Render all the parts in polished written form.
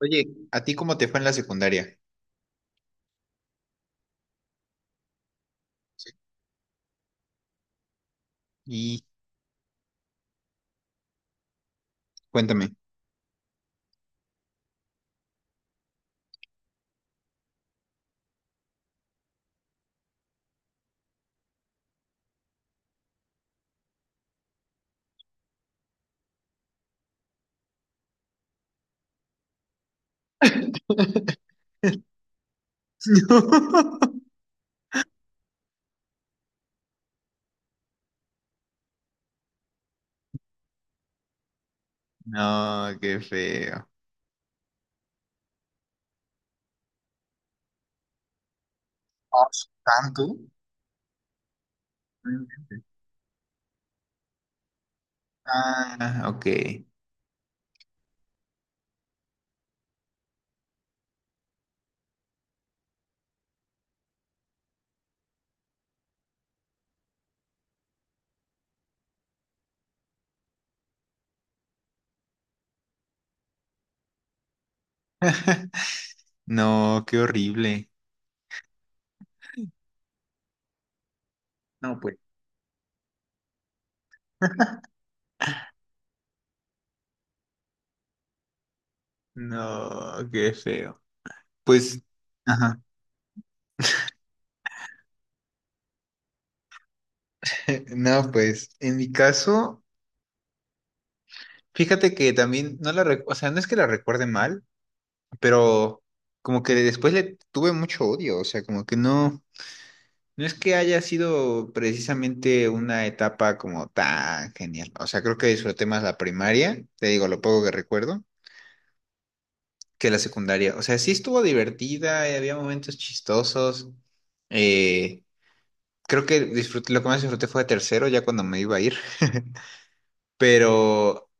Oye, ¿a ti cómo te fue en la secundaria? Sí. Y cuéntame. No, qué feo. Ah, ¿tanto? Mm. Ah, ok. No, qué horrible. No, pues. No, qué feo. Pues, ajá. No, pues, en mi caso, fíjate que también no la, o sea, no es que la recuerde mal, pero como que después le tuve mucho odio, o sea, como que no. No es que haya sido precisamente una etapa como tan genial. O sea, creo que disfruté más la primaria, te digo lo poco que recuerdo, que la secundaria. O sea, sí estuvo divertida, había momentos chistosos. Eh, Creo que disfruté, lo que más disfruté fue tercero, ya cuando me iba a ir. Pero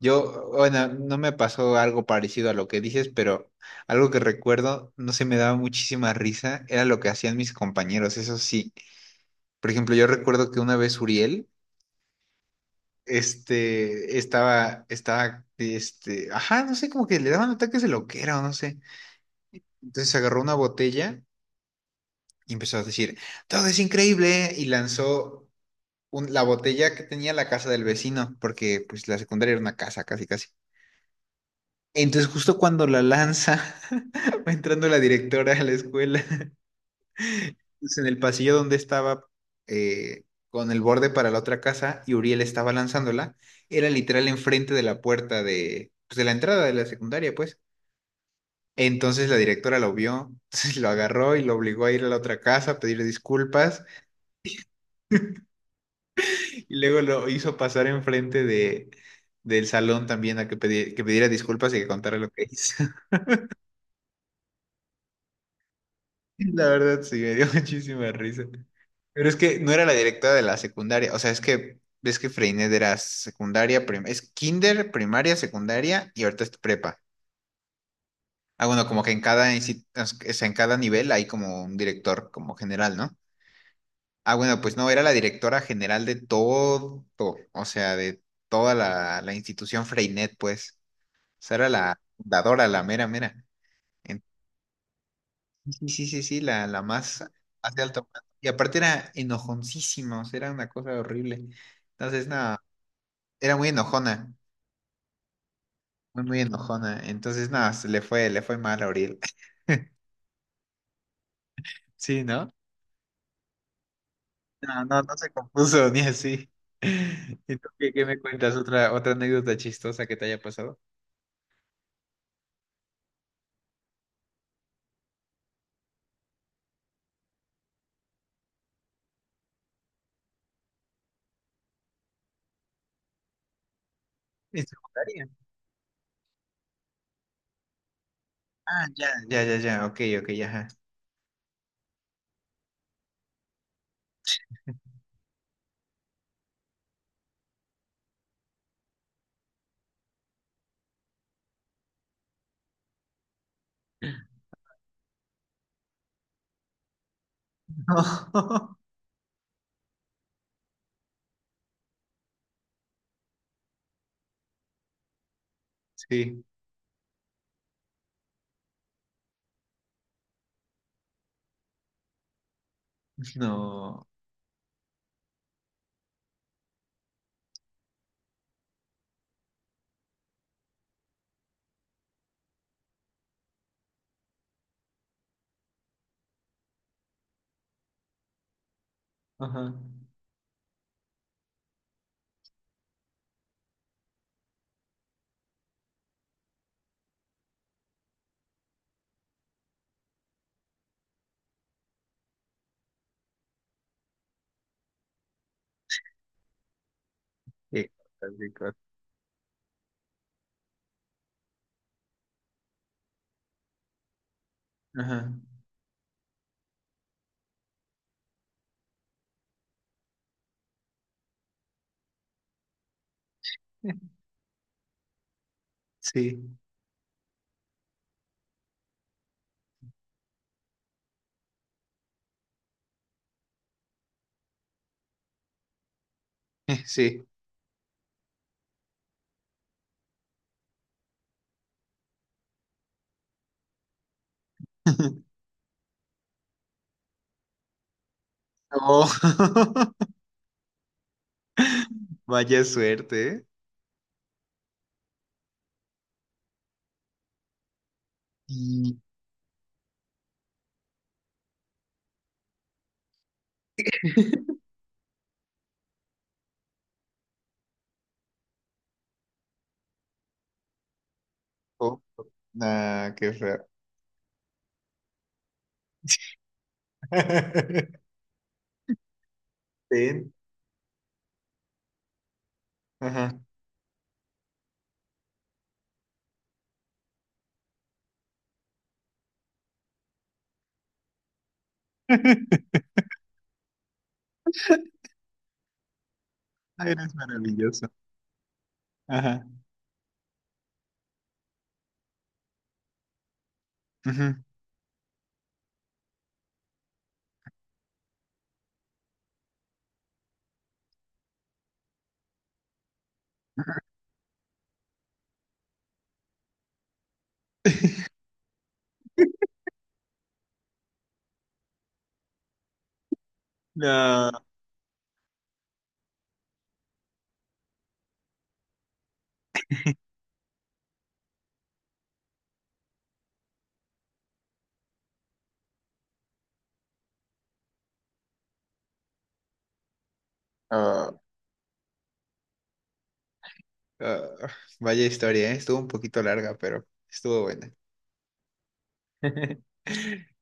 yo, bueno, no me pasó algo parecido a lo que dices, pero algo que recuerdo, no se me daba muchísima risa, era lo que hacían mis compañeros, eso sí. Por ejemplo, yo recuerdo que una vez Uriel estaba, ajá, no sé, como que le daban ataques de loquera o no sé. Entonces agarró una botella y empezó a decir, todo es increíble, y lanzó la botella que tenía la casa del vecino, porque pues la secundaria era una casa, casi, casi. Entonces justo cuando la lanza, va entrando la directora a la escuela. Pues, en el pasillo donde estaba eh, con el borde para la otra casa y Uriel estaba lanzándola, era literal enfrente de la puerta de, pues, de la entrada de la secundaria, pues. Entonces la directora lo vio, entonces lo agarró y lo obligó a ir a la otra casa a pedir disculpas y luego lo hizo pasar enfrente de, del salón también a que, que pidiera disculpas y que contara lo que hizo. La verdad sí, me dio muchísima risa. Pero es que no era la directora de la secundaria, o sea, es que ves que Freinet era secundaria, es kinder, primaria, secundaria y ahorita es prepa. Ah, bueno, como que en cada o sea, en cada nivel hay como un director como general, ¿no? Ah, bueno, pues no, era la directora general de todo, o sea, de toda la institución Freinet, pues. O sea, era la fundadora, la mera, mera. En- sí, sí, sí, sí, la más, más de alto. Y aparte era enojoncísima, o sea, era una cosa horrible. Entonces, no. Era muy enojona, muy, muy enojona. Entonces, nada, se le fue mal a Uriel. Sí, ¿no? No, no, no se compuso ni así. ¿Y tú qué, qué me cuentas? ¿Otra, otra anécdota chistosa que te haya pasado? ¿En secundaria? Ah, ya, ya, ya, ya, ok, ok, ya, ajá. No. Sí, no. Ajá. Qué cosa, qué cosa. Ajá. Sí, sí. Oh, vaya suerte, ¿eh? Y- oh, nah, qué feo. Ten. Ajá. Ay, eres maravilloso. Ajá. Ujú. No. Ah, ah, vaya historia, ¿eh? Estuvo un poquito larga, pero estuvo buena.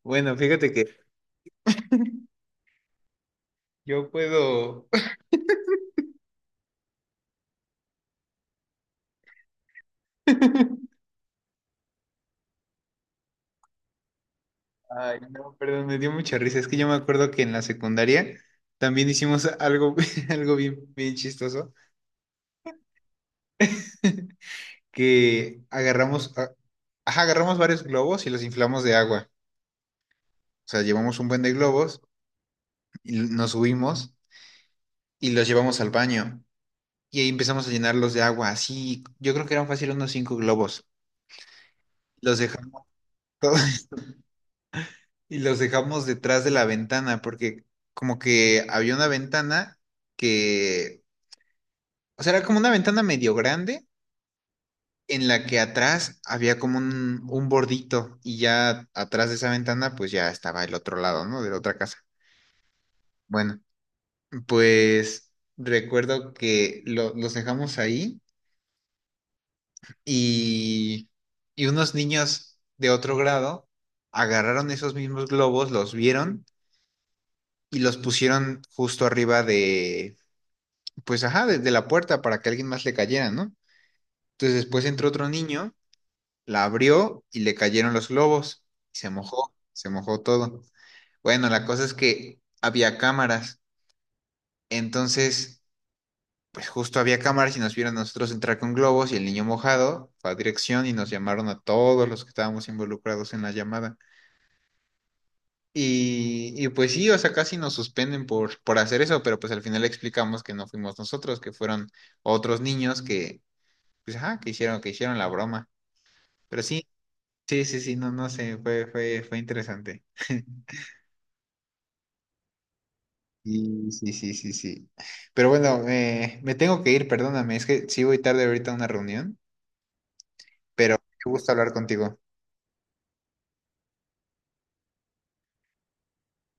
Bueno, fíjate que yo puedo. Ay, no, perdón, me dio mucha risa. Es que yo me acuerdo que en la secundaria también hicimos algo, algo bien, bien chistoso, que agarramos, ajá, agarramos varios globos y los inflamos de agua. O sea, llevamos un buen de globos. Y nos subimos y los llevamos al baño. Y ahí empezamos a llenarlos de agua, así, yo creo que eran fácil unos 5 globos. Los dejamos. Y los dejamos detrás de la ventana, porque como que había una ventana que, o sea, era como una ventana medio grande, en la que atrás había como un bordito, y ya atrás de esa ventana, pues ya estaba el otro lado, ¿no? De la otra casa. Bueno, pues recuerdo que los dejamos ahí. Y, y unos niños de otro grado agarraron esos mismos globos, los vieron y los pusieron justo arriba de, pues ajá, de la puerta para que alguien más le cayera, ¿no? Entonces después entró otro niño, la abrió y le cayeron los globos. Se mojó todo. Bueno, la cosa es que había cámaras, entonces, pues justo había cámaras y nos vieron a nosotros entrar con globos y el niño mojado fue a dirección y nos llamaron a todos los que estábamos involucrados en la llamada. Y pues sí, o sea, casi nos suspenden por hacer eso, pero pues al final explicamos que no fuimos nosotros, que fueron otros niños que, pues, ajá, que hicieron la broma. Pero sí, sí, sí, sí, no, no sé, fue, fue, fue interesante. Sí, sí, sí, sí, sí. Pero bueno, me tengo que ir, perdóname, es que sí voy tarde ahorita a una reunión, pero qué gusto hablar contigo.